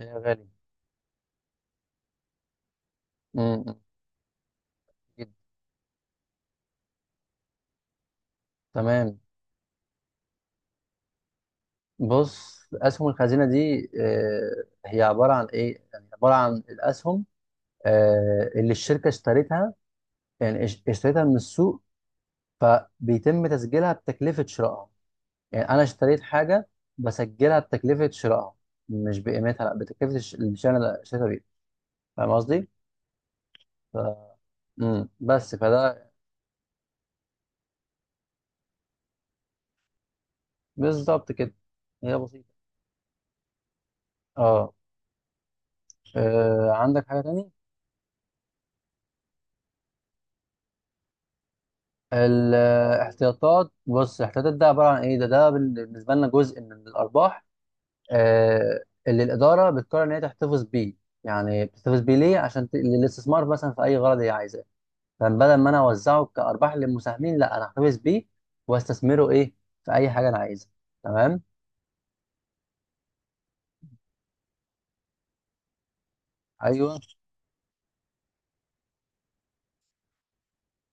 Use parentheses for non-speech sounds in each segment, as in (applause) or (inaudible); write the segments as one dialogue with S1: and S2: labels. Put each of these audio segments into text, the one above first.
S1: إيه غالي. امم. جدا. تمام. بص اسهم الخزينه دي هي عباره عن ايه يعني عباره عن الاسهم اللي الشركه اشترتها. يعني اشترتها من السوق. فبيتم تسجيلها بتكلفه شرائها. يعني انا اشتريت حاجه بسجلها بتكلفه شرائها، مش بقيمتها، لا بتكلفه الشيء اللي اشتريتها بيه. فاهم قصدي؟ ف... بس فده. بالظبط كده. هي بسيطه. اه. عندك حاجه تانية؟ الاحتياطات، بص الاحتياطات ده عباره عن ايه، ده بالنسبه لنا جزء من الارباح، آه اللي الاداره بتقرر ان هي تحتفظ بيه. يعني بتحتفظ بيه ليه؟ عشان للاستثمار مثلا في اي غرض هي عايزاه. فبدل ما انا اوزعه كارباح للمساهمين، لا انا احتفظ بيه واستثمره ايه، في اي حاجه انا عايزها. تمام. ايوه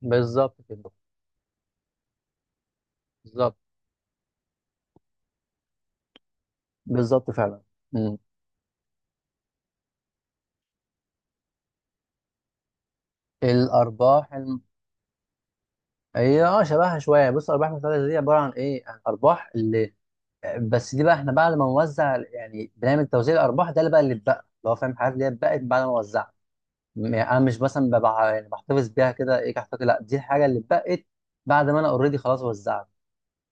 S1: بالظبط كده. بالظبط. بالظبط فعلا. مم. الارباح الم... هي شبهها شويه. بص الارباح المحتفظه دي عباره عن ايه؟ عن ارباح. بس دي بقى احنا بعد ما نوزع، يعني بنعمل توزيع الارباح، ده اللي بقى اللي اتبقى اللي هو فاهم، الحاجات اللي هي اتبقت بعد ما وزعت. يعني انا مش مثلا ببقى يعني بحتفظ بيها كده ايه كحتفظ، لا دي الحاجه اللي اتبقت بعد ما انا اوريدي خلاص وزعت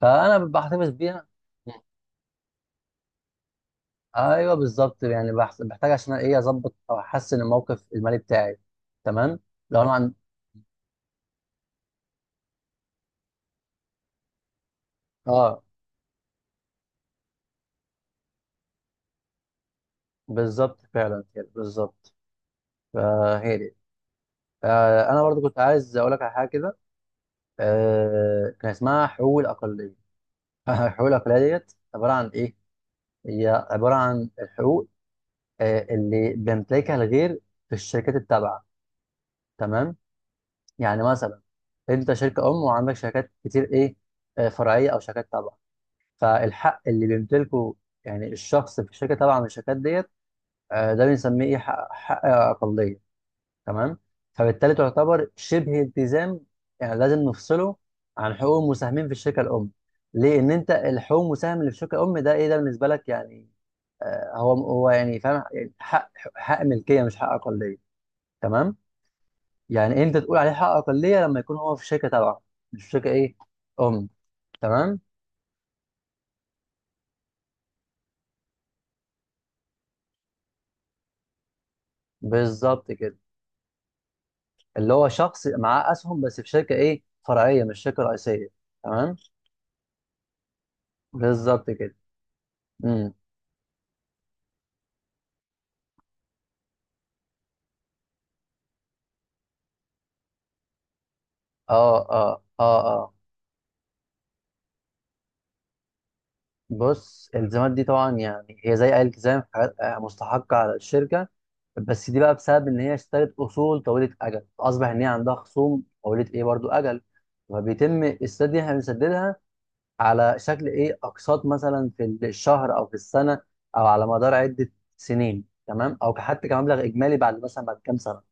S1: فانا بحتفظ بيها. ايوه بالظبط. يعني بحتاج عشان ايه اظبط او احسن الموقف المالي بتاعي. تمام. لو انا عن. اه. بالظبط فعلا كده بالظبط. فهي دي. انا برضو كنت عايز اقول لك على حاجه كده. كان اسمها حقوق الاقليه. الحقوق العقلية ديت عبارة عن إيه؟ هي عبارة عن الحقوق اللي بيمتلكها الغير في الشركات التابعة. تمام؟ يعني مثلا أنت شركة أم وعندك شركات كتير إيه، فرعية أو شركات تابعة. فالحق اللي بيمتلكه يعني الشخص في الشركة التابعة من الشركات ديت، ده بنسميه إيه؟ حق أقلية. تمام؟ فبالتالي تعتبر شبه التزام، يعني لازم نفصله عن حقوق المساهمين في الشركة الأم. ليه؟ إن أنت الحقوق المساهم اللي في الشركة الأم، ده إيه ده بالنسبة لك يعني، هو يعني فاهم يعني حق ملكيه مش حق اقليه. تمام. يعني انت تقول عليه حق اقليه لما يكون هو في شركه تبعه، مش في شركه ايه، ام. تمام. بالظبط كده. اللي هو شخص معاه اسهم بس في شركه ايه فرعيه، مش شركه رئيسيه. تمام. بالظبط كده. امم. اه اه اه اه. بص الالتزامات دي طبعا يعني هي زي اي التزام، في حاجات مستحقه على الشركه. بس دي بقى بسبب ان هي اشترت اصول طويله اجل، اصبح ان هي عندها خصوم طويله ايه برضو اجل. فبيتم السداد، دي احنا بنسددها على شكل ايه، اقساط مثلا في الشهر او في السنه، او على مدار عده سنين، تمام، او حتى كمبلغ اجمالي بعد مثلا بعد كام سنه.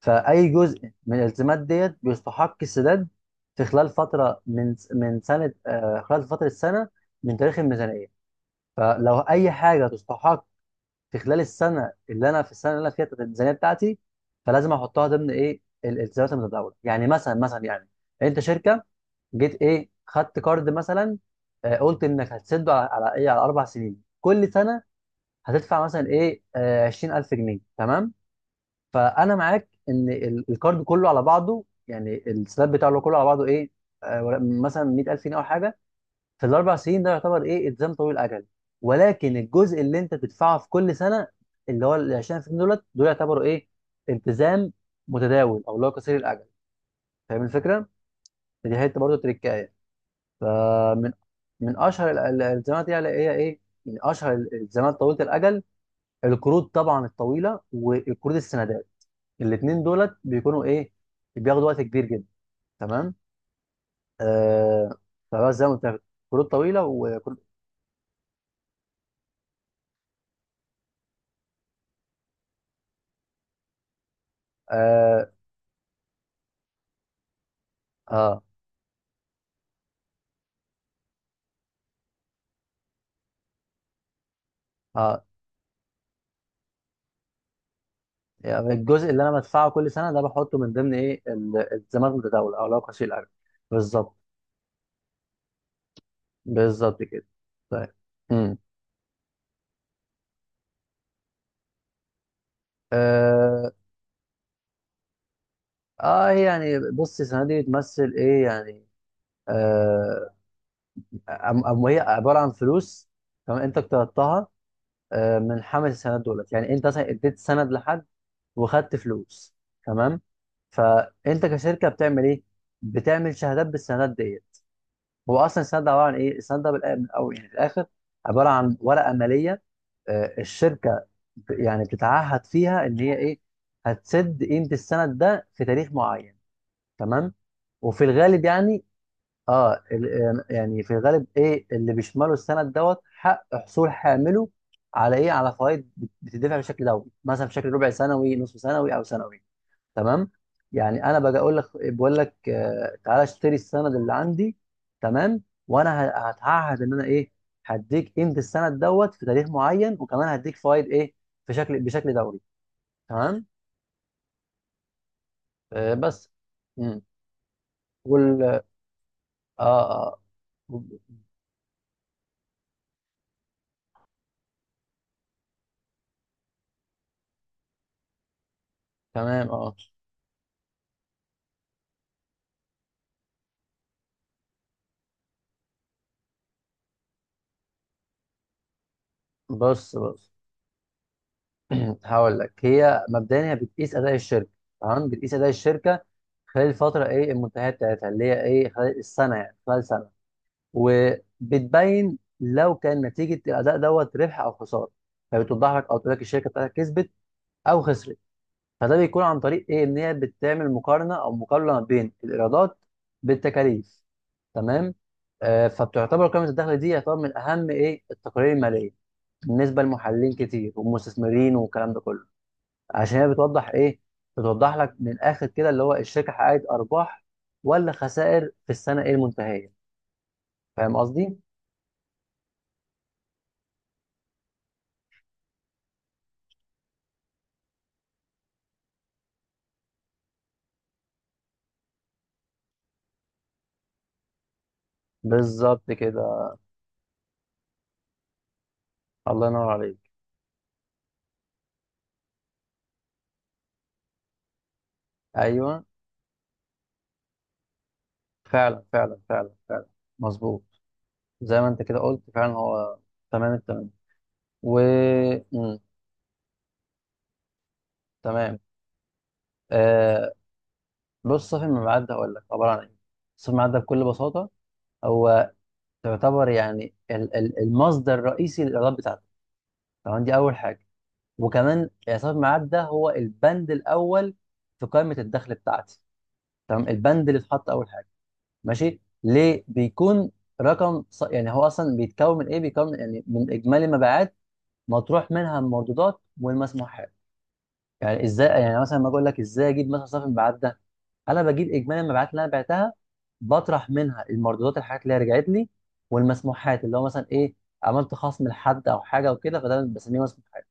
S1: فاي جزء من الالتزامات ديت بيستحق السداد في خلال فتره من سنه، خلال فتره السنه من تاريخ الميزانيه. فلو اي حاجه تستحق في خلال السنه اللي انا في السنه اللي انا فيها الميزانيه بتاعتي، فلازم احطها ضمن ايه الالتزامات المتداوله. يعني مثلا يعني انت شركه جيت ايه خدت كارد مثلا، قلت انك هتسده على ايه، على 4 سنين، كل سنه هتدفع مثلا ايه 20,000 جنيه، تمام. فانا معاك ان الكارد كله على بعضه، يعني السلاب بتاعه كله على بعضه ايه، مثلا 100,000 جنيه او حاجه، في الاربع سنين. ده يعتبر ايه التزام طويل الاجل. ولكن الجزء اللي انت بتدفعه في كل سنه، اللي هو ال 20% دولت، دول يعتبروا ايه، التزام متداول، او اللي هو قصير الاجل. فاهم الفكره؟ دي حته برضه تريكايه. فمن من اشهر الالتزامات يعني هي ايه، من اشهر الالتزامات طويله الاجل، القروض طبعا الطويله، والقروض السندات. الاثنين دولت بيكونوا ايه، بياخدوا وقت كبير جدا. تمام. آه. فبس زي ما قلت لك، قروض طويله وقروض. آه. اه اه يعني الجزء اللي انا بدفعه كل سنه ده بحطه من ضمن ايه ال- الزمالك متداول او لو قصير الاجل بالظبط بالظبط كده طيب امم اه, آه يعني بص السنه دي بتمثل ايه يعني آه أم أم هي عباره عن فلوس تمام انت اقترضتها آه من حامل السندات دولت يعني انت مثلا اديت سند لحد وخدت فلوس تمام فانت كشركه بتعمل ايه بتعمل شهادات بالسندات ديت هو اصلا السند ده عباره عن ايه؟ السند ده بالآ- من الاول يعني في الاخر عباره عن ورقه ماليه آه، الشركه ب- يعني بتتعهد فيها ان هي ايه؟ هتسد قيمه السند ده في تاريخ معين تمام؟ وفي الغالب يعني اه ال- آه، يعني في الغالب ايه اللي بيشمله السند دوت حق حصول حامله على ايه؟ على فوائد بت- بتدفع بشكل دوري مثلا بشكل ربع سنوي نصف سنوي او سنوي تمام يعني انا باجي اقول لك بقول لك آه، تعالى اشتري السند اللي عندي تمام وانا ه- هتعهد ان انا ايه هديك قيمه السند دوت في تاريخ معين وكمان هديك فايد ايه في شكل بشكل دوري تمام آه بس مم. وال اه اه. تمام. اه. بص بص (clears throat) هقول لك هي مبدئيا هي بتقيس اداء الشركه. تمام، بتقيس اداء الشركه خلال الفتره ايه المنتهيه بتاعتها، اللي هي ايه خلال السنه، يعني خلال سنه. وبتبين لو كان نتيجه الاداء دوت ربح او خساره. فبتوضح لك او تقول لك الشركه بتاعتك كسبت او خسرت. فده بيكون عن طريق ايه، ان هي بتعمل مقارنه او مقارنه بين الايرادات بالتكاليف. تمام. فبتعتبر قائمه الدخل دي يعتبر من اهم ايه التقارير الماليه بالنسبه لمحللين كتير ومستثمرين والكلام ده كله، عشان هي بتوضح ايه، بتوضح لك من الاخر كده اللي هو الشركه حققت ارباح ولا خسائر في السنه ايه المنتهيه. فاهم قصدي؟ بالظبط كده. الله ينور عليك. ايوه فعلا فعلا فعلا فعلا. مظبوط، زي ما انت كده قلت فعلا هو. تمام التمام. و. مم. تمام. آه بص صافي المبيعات ده هقول لك عباره عن ايه. صافي المبيعات ده بكل بساطه هو تعتبر يعني المصدر الرئيسي للايرادات بتاعتك. تمام، دي اول حاجه. وكمان صافي المبيعات ده هو البند الاول في قائمه الدخل بتاعتي. تمام، البند اللي اتحط اول حاجه. ماشي، ليه بيكون يعني هو اصلا بيتكون من ايه، بيكون يعني من اجمالي المبيعات مطروح منها المردودات والمسموحات. يعني ازاي يعني، مثلا ما اقول لك ازاي اجيب مثلا صافي المبيعات ده؟ انا بجيب اجمالي المبيعات اللي انا بعتها، بطرح منها المردودات الحاجات اللي هي رجعت لي، والمسموحات اللي هو مثلا ايه، عملت خصم لحد او حاجه وكده فده بسميه مسموحات.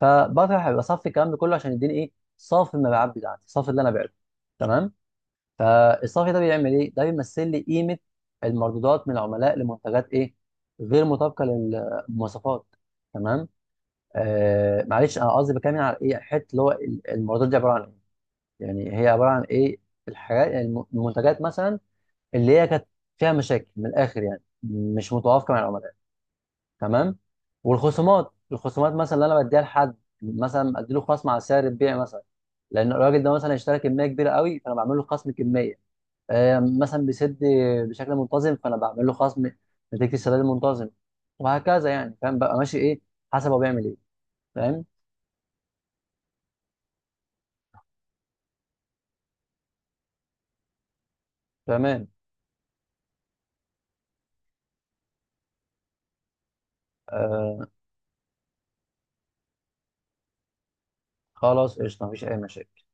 S1: فبطرح بصفي الكلام ده كله عشان يديني ايه صافي المبيعات بتاعتي، صافي اللي انا بعته. تمام. فالصافي ده بيعمل ايه؟ ده بيمثل لي قيمه المردودات من العملاء لمنتجات ايه، غير مطابقه للمواصفات. تمام؟ معلش انا قصدي بكلم على ايه، حته اللي هو المردودات دي عباره عن ايه؟ يعني هي عباره عن ايه؟ الحاجات يعني المنتجات مثلا اللي هي كانت فيها مشاكل، من الاخر يعني مش متوافقه مع العملاء. تمام؟ الخصومات مثلا اللي انا بديها لحد، مثلا اديله خصم على سعر البيع مثلا، لان الراجل ده مثلا اشترى كميه كبيره قوي فانا بعمل له خصم كميه. مثلا بيسد بشكل منتظم فانا بعمل له خصم نتيجه السداد المنتظم. وهكذا يعني، فاهم بقى ماشي ايه حسب هو بيعمل ايه. فاهم. تمام. آه خلاص قشطه، مفيش اي مشاكل.